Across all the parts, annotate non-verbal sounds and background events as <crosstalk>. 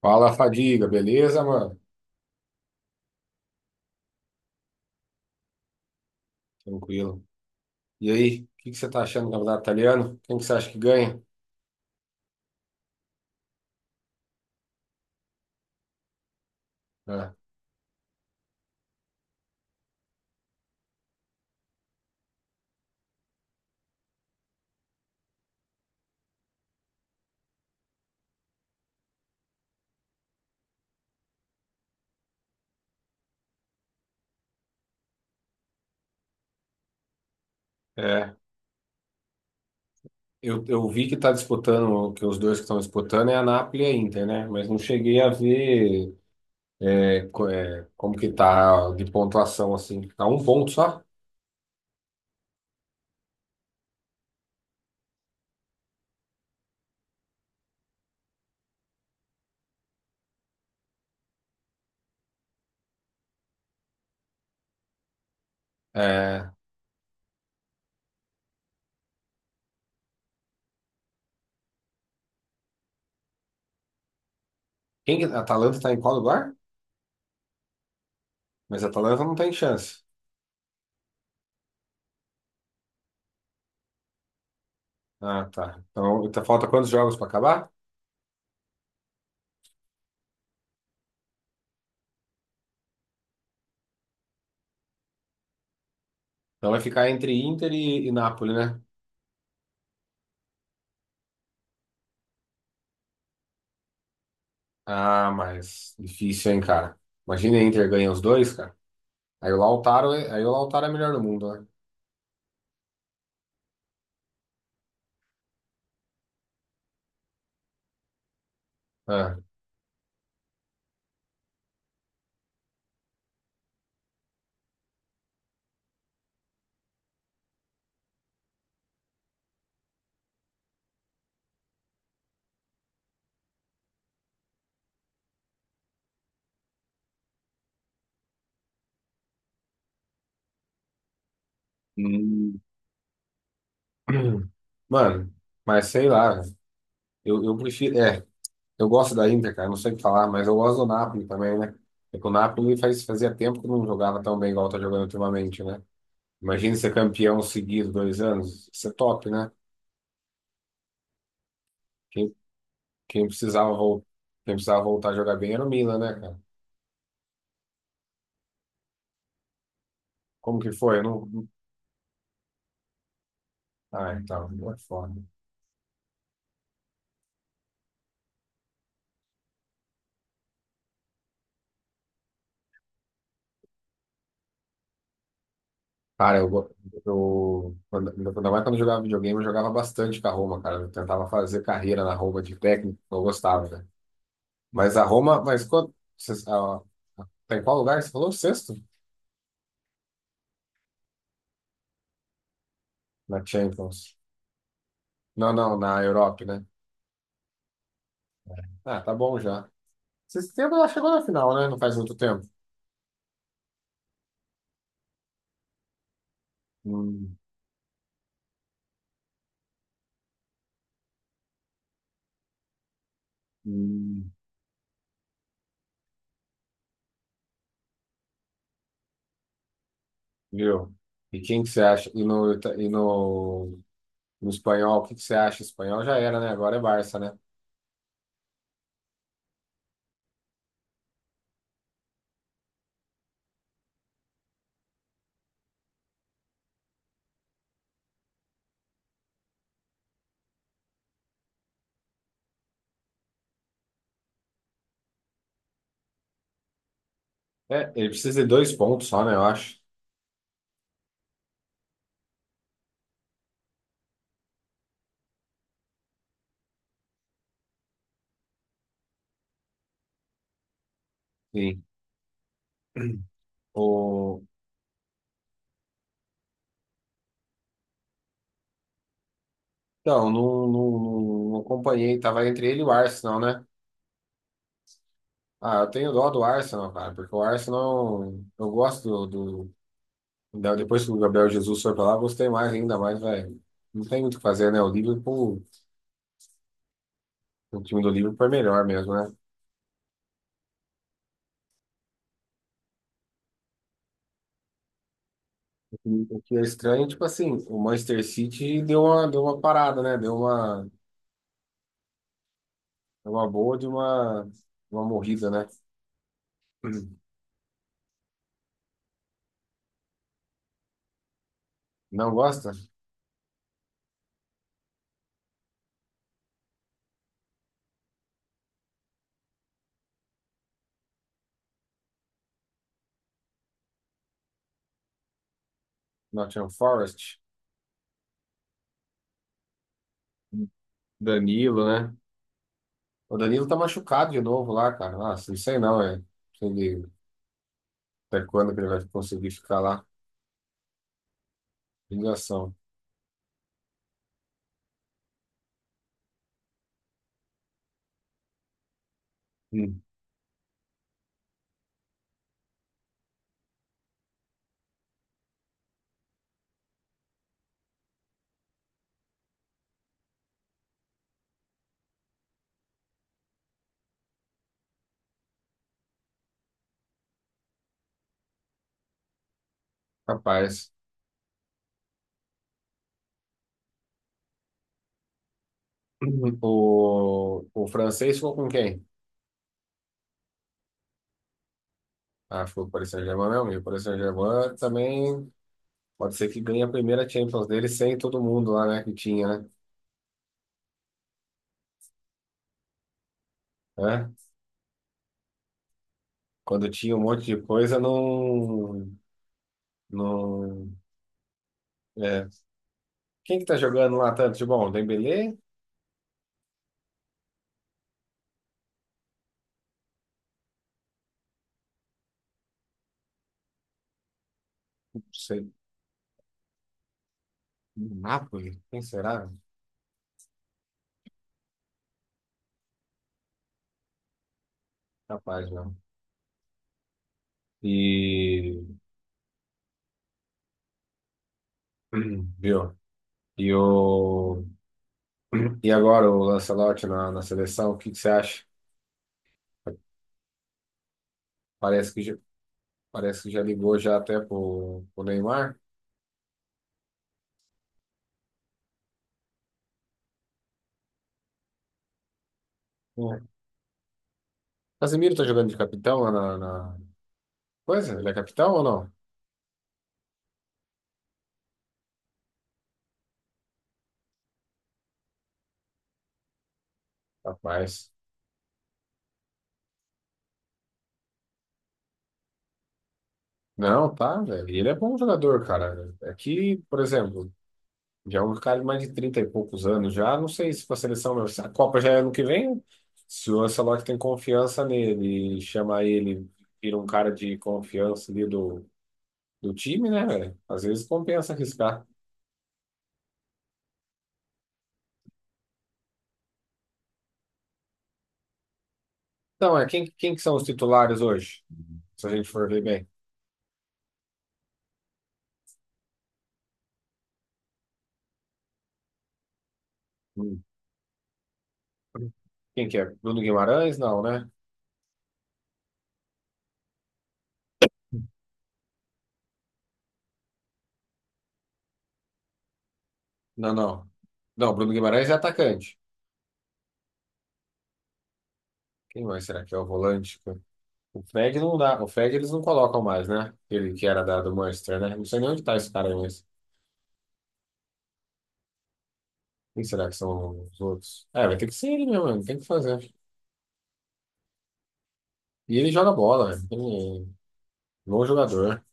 Fala, Fadiga, beleza, mano? Tranquilo. E aí, o que que você tá achando do campeonato italiano? Quem que você acha que ganha? É, é. Eu vi que tá disputando, que os dois que estão disputando é a Napoli e a Inter, né? Mas não cheguei a ver como que tá de pontuação, assim. Tá um ponto só? É, a Atalanta tá em qual lugar? Mas a Atalanta não tem chance. Ah, tá. Então, falta quantos jogos pra acabar? Então vai ficar entre Inter e Napoli, né? Ah, mas difícil, hein, cara. Imagina a Inter ganha os dois, cara. Aí o Lautaro, aí o Lautaro é melhor do mundo, né? Ah. <clears throat> Mano, mas sei lá, eu prefiro. É, eu gosto da Inter, cara, não sei o que falar, mas eu gosto do Napoli também, né? É que o Napoli fazia tempo que não jogava tão bem igual tá jogando ultimamente, né? Imagina ser campeão seguido dois anos, isso é top, né? Quem, quem precisava, quem precisava voltar a jogar bem era o Milan, né, cara? Como que foi? Eu não. não- Ah, então, não é foda. Cara, eu, go- eu quando, ainda mais quando eu jogava videogame, eu jogava bastante com a Roma, cara. Eu tentava fazer carreira na Roma de técnico, eu gostava, né? Mas a Roma, mas quando, vocês- a- tá em qual lugar? Você falou sexto? Na Champions. Não, não, na Europa, né? Ah, tá bom já. Esse tempo ela chegou na final, né? Não faz muito tempo. Hum, hum, viu? E quem que você acha? No espanhol, o que que você acha? Espanhol já era, né? Agora é Barça, né? É, ele precisa de dois pontos só, né? Eu acho. Sim. O... Não, não, não, não, não acompanhei. Tava entre ele e o Arsenal, né? Ah, eu tenho dó do Arsenal, cara, porque o Arsenal, eu gosto do... Depois que o Gabriel Jesus foi pra lá, eu gostei mais, ainda mais, velho. Não tem muito o que fazer, né? O Liverpool, o time do Liverpool é melhor mesmo, né? O que é estranho, é, tipo assim, o Manchester City deu uma parada, né? Deu uma boa de uma morrida, né? Não gosta? Nottingham Forest, Danilo, né? O Danilo tá machucado de novo lá, cara. Nossa, não sei não, é. Se ele- Até quando que ele vai conseguir ficar lá? Ligação. Hum. Rapaz. Uhum. O francês ficou com quem? Ah, ficou com o Paris Saint-Germain mesmo. E o Paris Saint-Germain também pode ser que ganhe a primeira Champions dele sem todo mundo lá, né? Que tinha, né? É? Quando tinha um monte de coisa, não... não é. Quem que tá jogando lá tanto de bom? Dembélé? Não sei. Napoli? Quem será? Capaz, não. E viu? E o e agora o Lancelotti na, na seleção, o que que você acha? Parece que já, parece que já ligou já até pro Neymar. O Casemiro tá jogando de capitão lá na, na coisa? Ele é capitão ou não? Rapaz. Não, tá, velho. E ele é bom jogador, cara. É que, por exemplo, já é um cara de mais de 30 e poucos anos já. Não sei se para a seleção, não. Se a Copa já é ano que vem. Se o Ancelotti tem confiança nele, e chama ele, vira um cara de confiança ali do, do time, né, velho? Às vezes compensa arriscar. Então, é quem que são os titulares hoje? Se a gente for ver bem. Hum. Quem que é? Bruno Guimarães? Não, né? Não, não. Não, Bruno Guimarães é atacante. Quem mais será que é o volante? O Fred não dá. O Fred eles não colocam mais, né? Ele que era da, do Manchester, né? Não sei nem onde tá esse cara aí, mas. Quem será que são os outros? É, vai ter que ser ele mesmo, mano. Tem que fazer. E ele joga bola, né? Ele é bom jogador.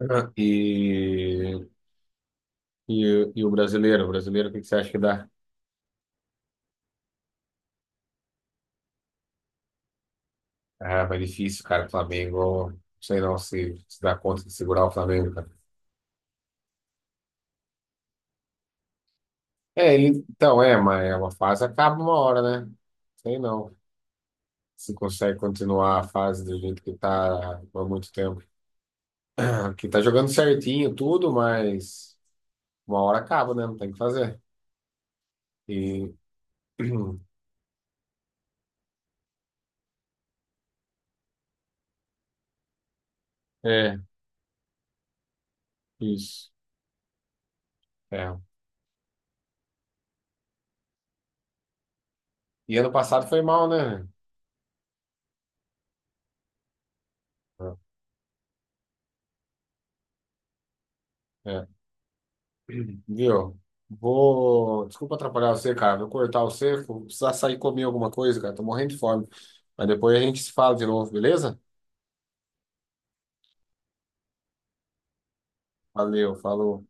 <laughs> E, e, e o brasileiro? O brasileiro, o que que você acha que dá? Ah, mas difícil, cara. Flamengo, não sei não se, se dá conta de segurar o Flamengo, cara. Mas é uma fase acaba uma hora, né? Sei não. Se consegue continuar a fase do jeito que tá por muito tempo. <clears throat> que tá jogando certinho tudo, mas uma hora acaba, né? Não tem o que fazer. E <clears throat> é, isso. É. E ano passado foi mal, né? É. <clears throat> Viu? Vou. Desculpa atrapalhar você, cara. Vou cortar você. Vou precisar sair comer alguma coisa, cara. Tô morrendo de fome. Mas depois a gente se fala de novo, beleza? Valeu, falou.